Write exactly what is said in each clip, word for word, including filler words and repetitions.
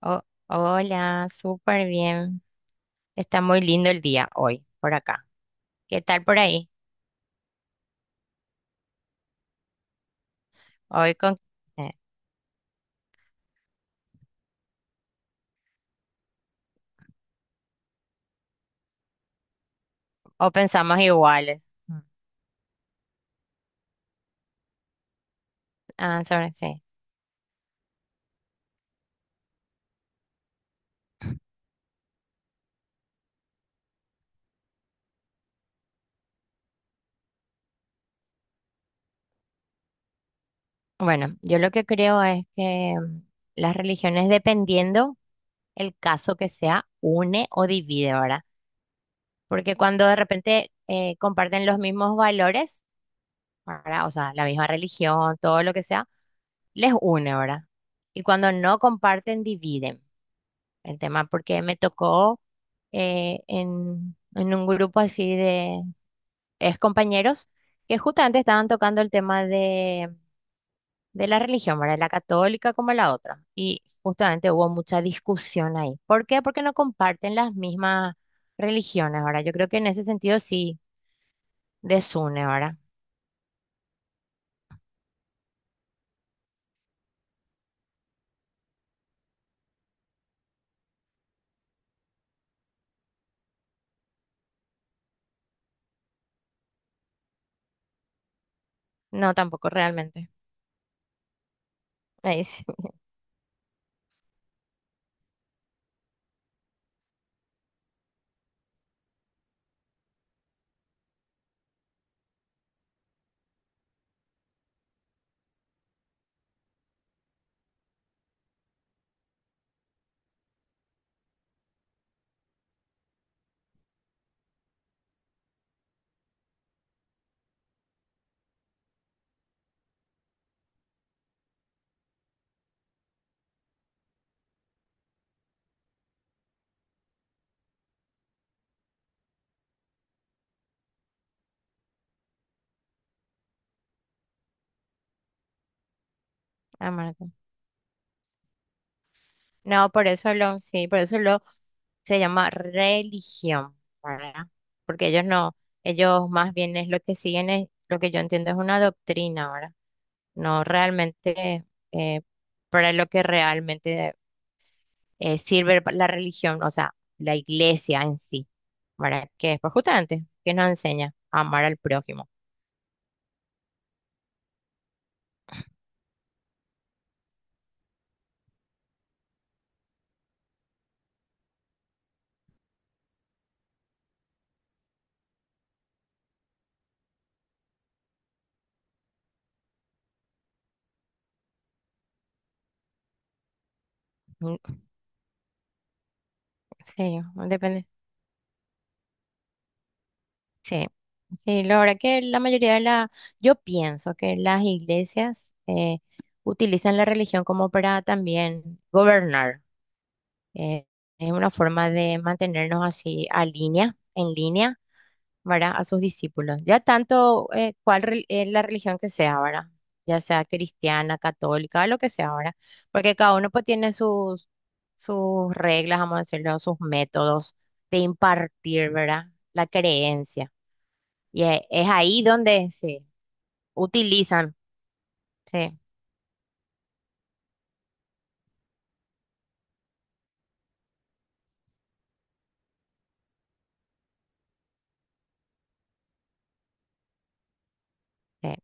Oh, hola, súper bien. Está muy lindo el día hoy por acá. ¿Qué tal por ahí? Hoy con... eh, o pensamos iguales. Mm. Ah, sobre sí. Bueno, yo lo que creo es que mm, las religiones, dependiendo el caso que sea, une o divide, ¿verdad? Porque cuando de repente eh, comparten los mismos valores, ¿verdad? O sea, la misma religión, todo lo que sea, les une, ¿verdad? Y cuando no comparten, dividen. El tema, porque me tocó eh, en, en un grupo así de ex compañeros que justamente estaban tocando el tema de, de la religión, ¿verdad? La católica como la otra. Y justamente hubo mucha discusión ahí. ¿Por qué? Porque no comparten las mismas religiones. Ahora, yo creo que en ese sentido sí desune, ahora. No, tampoco realmente. Ahí sí, amargo. No, por eso lo, sí, por eso lo se llama religión, ¿verdad? Porque ellos no, ellos más bien es lo que siguen, es, lo que yo entiendo es una doctrina, ¿verdad? No realmente eh, para lo que realmente eh, sirve pa- la religión, o sea, la iglesia en sí, ¿verdad? Que es pues justamente que nos enseña a amar al prójimo. Mm. Sí, depende. Sí, sí, la verdad que la mayoría de la, yo pienso que las iglesias eh, utilizan la religión como para también gobernar. eh, es una forma de mantenernos así a línea, en línea, ¿verdad? A sus discípulos. Ya tanto eh, cuál re- eh, la religión que sea, ¿verdad? Ya sea cristiana, católica, lo que sea, ¿verdad? Porque cada uno pues tiene sus, sus reglas, vamos a decirlo, sus métodos de impartir, ¿verdad? La creencia. Y e- es, ahí donde se utilizan. Sí, sí,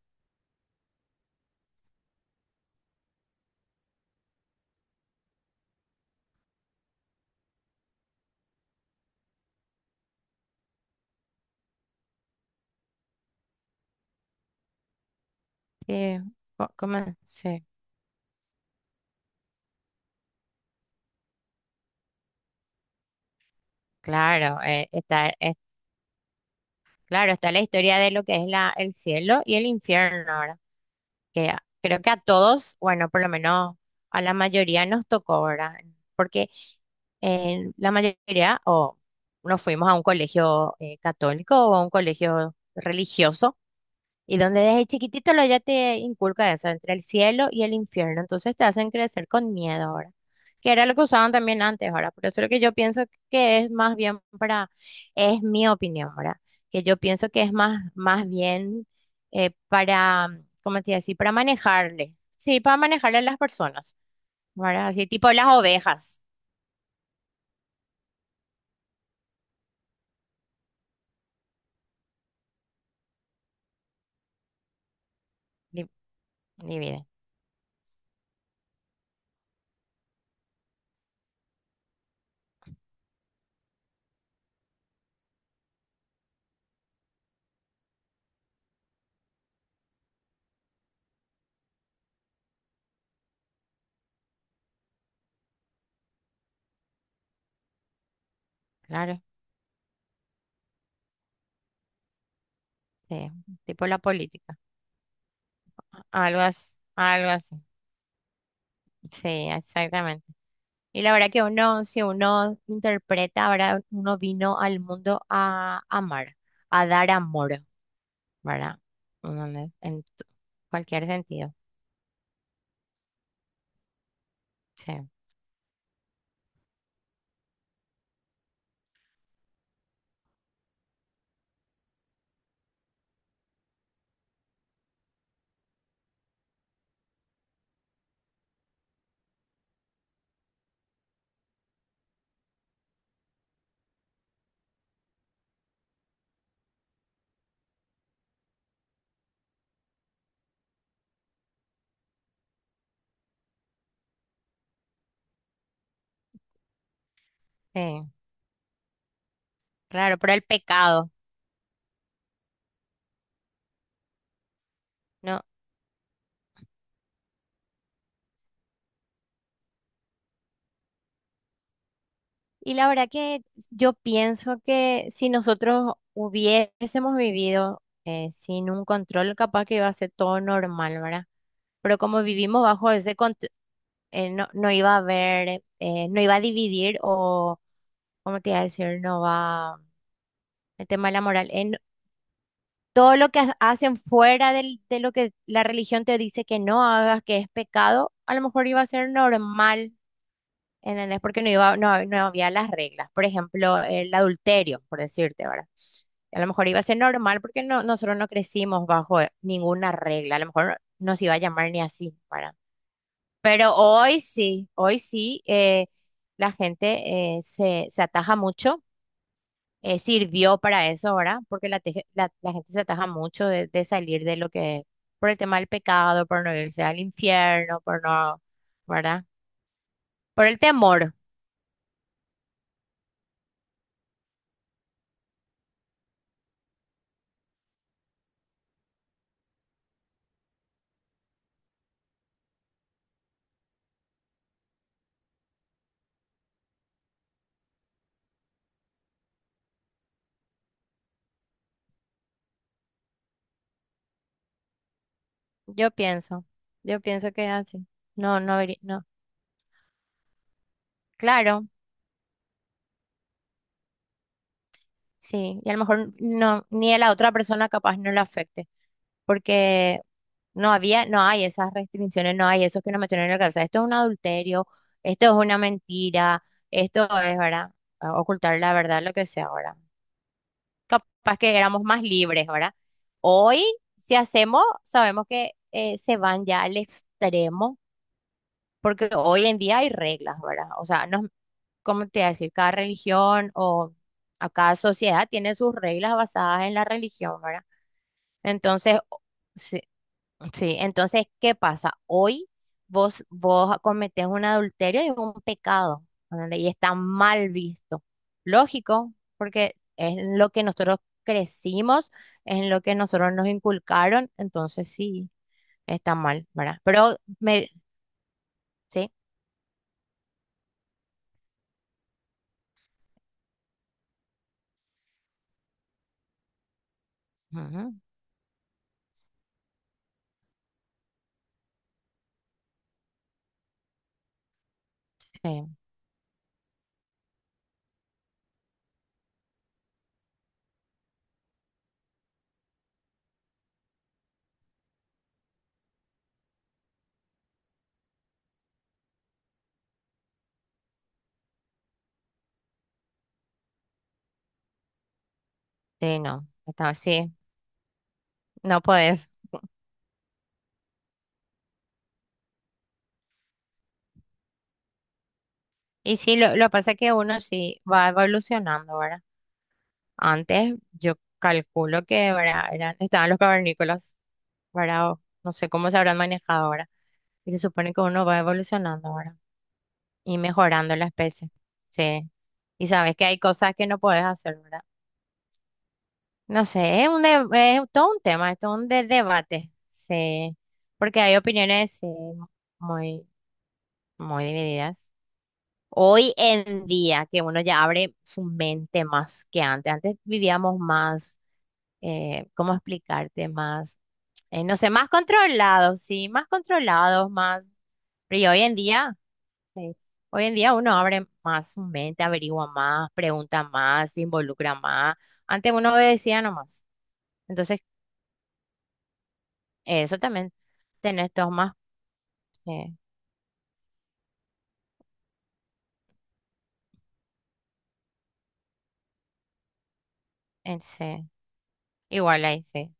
sí, co- ¿cómo? Sí, claro, eh, está, es- claro, está la historia de lo que es la, el cielo y el infierno. Ahora, que a- creo que a todos, bueno, por lo menos a la mayoría nos tocó, ahora. Porque eh, la mayoría o nos fuimos a un colegio eh, católico o a un colegio religioso. Y donde desde chiquitito lo ya te inculca eso, entre el cielo y el infierno. Entonces te hacen crecer con miedo, ahora, que era lo que usaban también antes, ahora. Por eso es lo que yo pienso que es más bien para, es mi opinión, ahora, que yo pienso que es más, más bien eh, para, ¿cómo te iba a decir? Para manejarle. Sí, para manejarle a las personas, ¿verdad? Así tipo las ovejas. Di- divide, claro, sí, tipo la política. Algo así, algo así. Sí, exactamente. Y la verdad que uno, si uno interpreta, ahora. Uno vino al mundo a amar, a dar amor, ¿verdad? Uno no. En t- cualquier sentido. Sí, sí, claro, pero el pecado, ¿no? Y la verdad que yo pienso que si nosotros hubiésemos vivido eh, sin un control, capaz que iba a ser todo normal, ¿verdad? Pero como vivimos bajo ese eh, no, no iba a haber, eh, no iba a dividir o, ¿cómo te iba a decir? No va, el tema de la moral. Eh, no- todo lo que ha- hacen fuera del- de lo que la religión te dice que no hagas, que es pecado, a lo mejor iba a ser normal, ¿entendés? Porque no iba, no, no había las reglas. Por ejemplo, el adulterio, por decirte, ¿verdad? A lo mejor iba a ser normal porque no, nosotros no crecimos bajo ninguna regla. A lo mejor no nos iba a llamar ni así, ¿verdad? Pero hoy sí, hoy sí, eh, la gente eh, se, se ataja mucho, eh, sirvió para eso, ahora, porque la, teje- la, la gente se ataja mucho de, de salir de lo que, por el tema del pecado, por no irse al infierno, por no, ¿verdad? Por el temor, yo pienso, yo pienso que es así. No, no, habría- no, claro, sí, y a lo mejor no, ni a la otra persona capaz no le afecte. Porque no había, no hay esas restricciones, no hay eso que nos metieron en la cabeza. Esto es un adulterio, esto es una mentira, esto es, ¿verdad? Ocultar la verdad, lo que sea, ahora. Capaz que éramos más libres, ¿verdad? Hoy, si hacemos, sabemos que eh, se van ya al extremo, porque hoy en día hay reglas, ¿verdad? O sea, no, ¿cómo te voy a decir? Cada religión o a cada sociedad tiene sus reglas basadas en la religión, ¿verdad? Entonces, sí, entonces, ¿qué pasa? Hoy vos, vos cometés un adulterio y un pecado, ¿entendés? Y está mal visto. Lógico, porque es en lo que nosotros crecimos, es en lo que nosotros nos inculcaron, entonces sí, está mal, ¿verdad? Pero me, sí, ujú, sí, sí, no, está, sí, no podés. Y sí, lo, lo que pasa es que uno sí va evolucionando, ¿verdad? Antes yo calculo que, ¿verdad? Eran, estaban los cavernícolas, ¿verdad? O no sé cómo se habrán manejado, ahora. Y se supone que uno va evolucionando, ahora, y mejorando la especie. Sí. Y sabes que hay cosas que no puedes hacer, ¿verdad? No sé, es un de- es todo un tema, es todo un de- debate. Sí. Porque hay opiniones, sí, muy, muy divididas. Hoy en día, que uno ya abre su mente más que antes. Antes vivíamos más, eh, ¿cómo explicarte? Más, eh, no sé, más controlados, sí, más controlados, más. Pero y hoy en día. Sí. Hoy en día uno abre más su mente, averigua más, pregunta más, se involucra más. Antes uno obedecía nomás. Entonces, eso también tenés todos más. Sí, en- sí. Igual ahí, sí.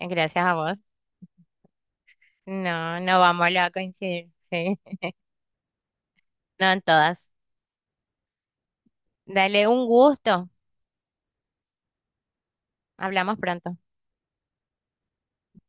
Gracias a vos. No, no vamos a coincidir. Sí, no en todas. Dale un gusto. Hablamos pronto.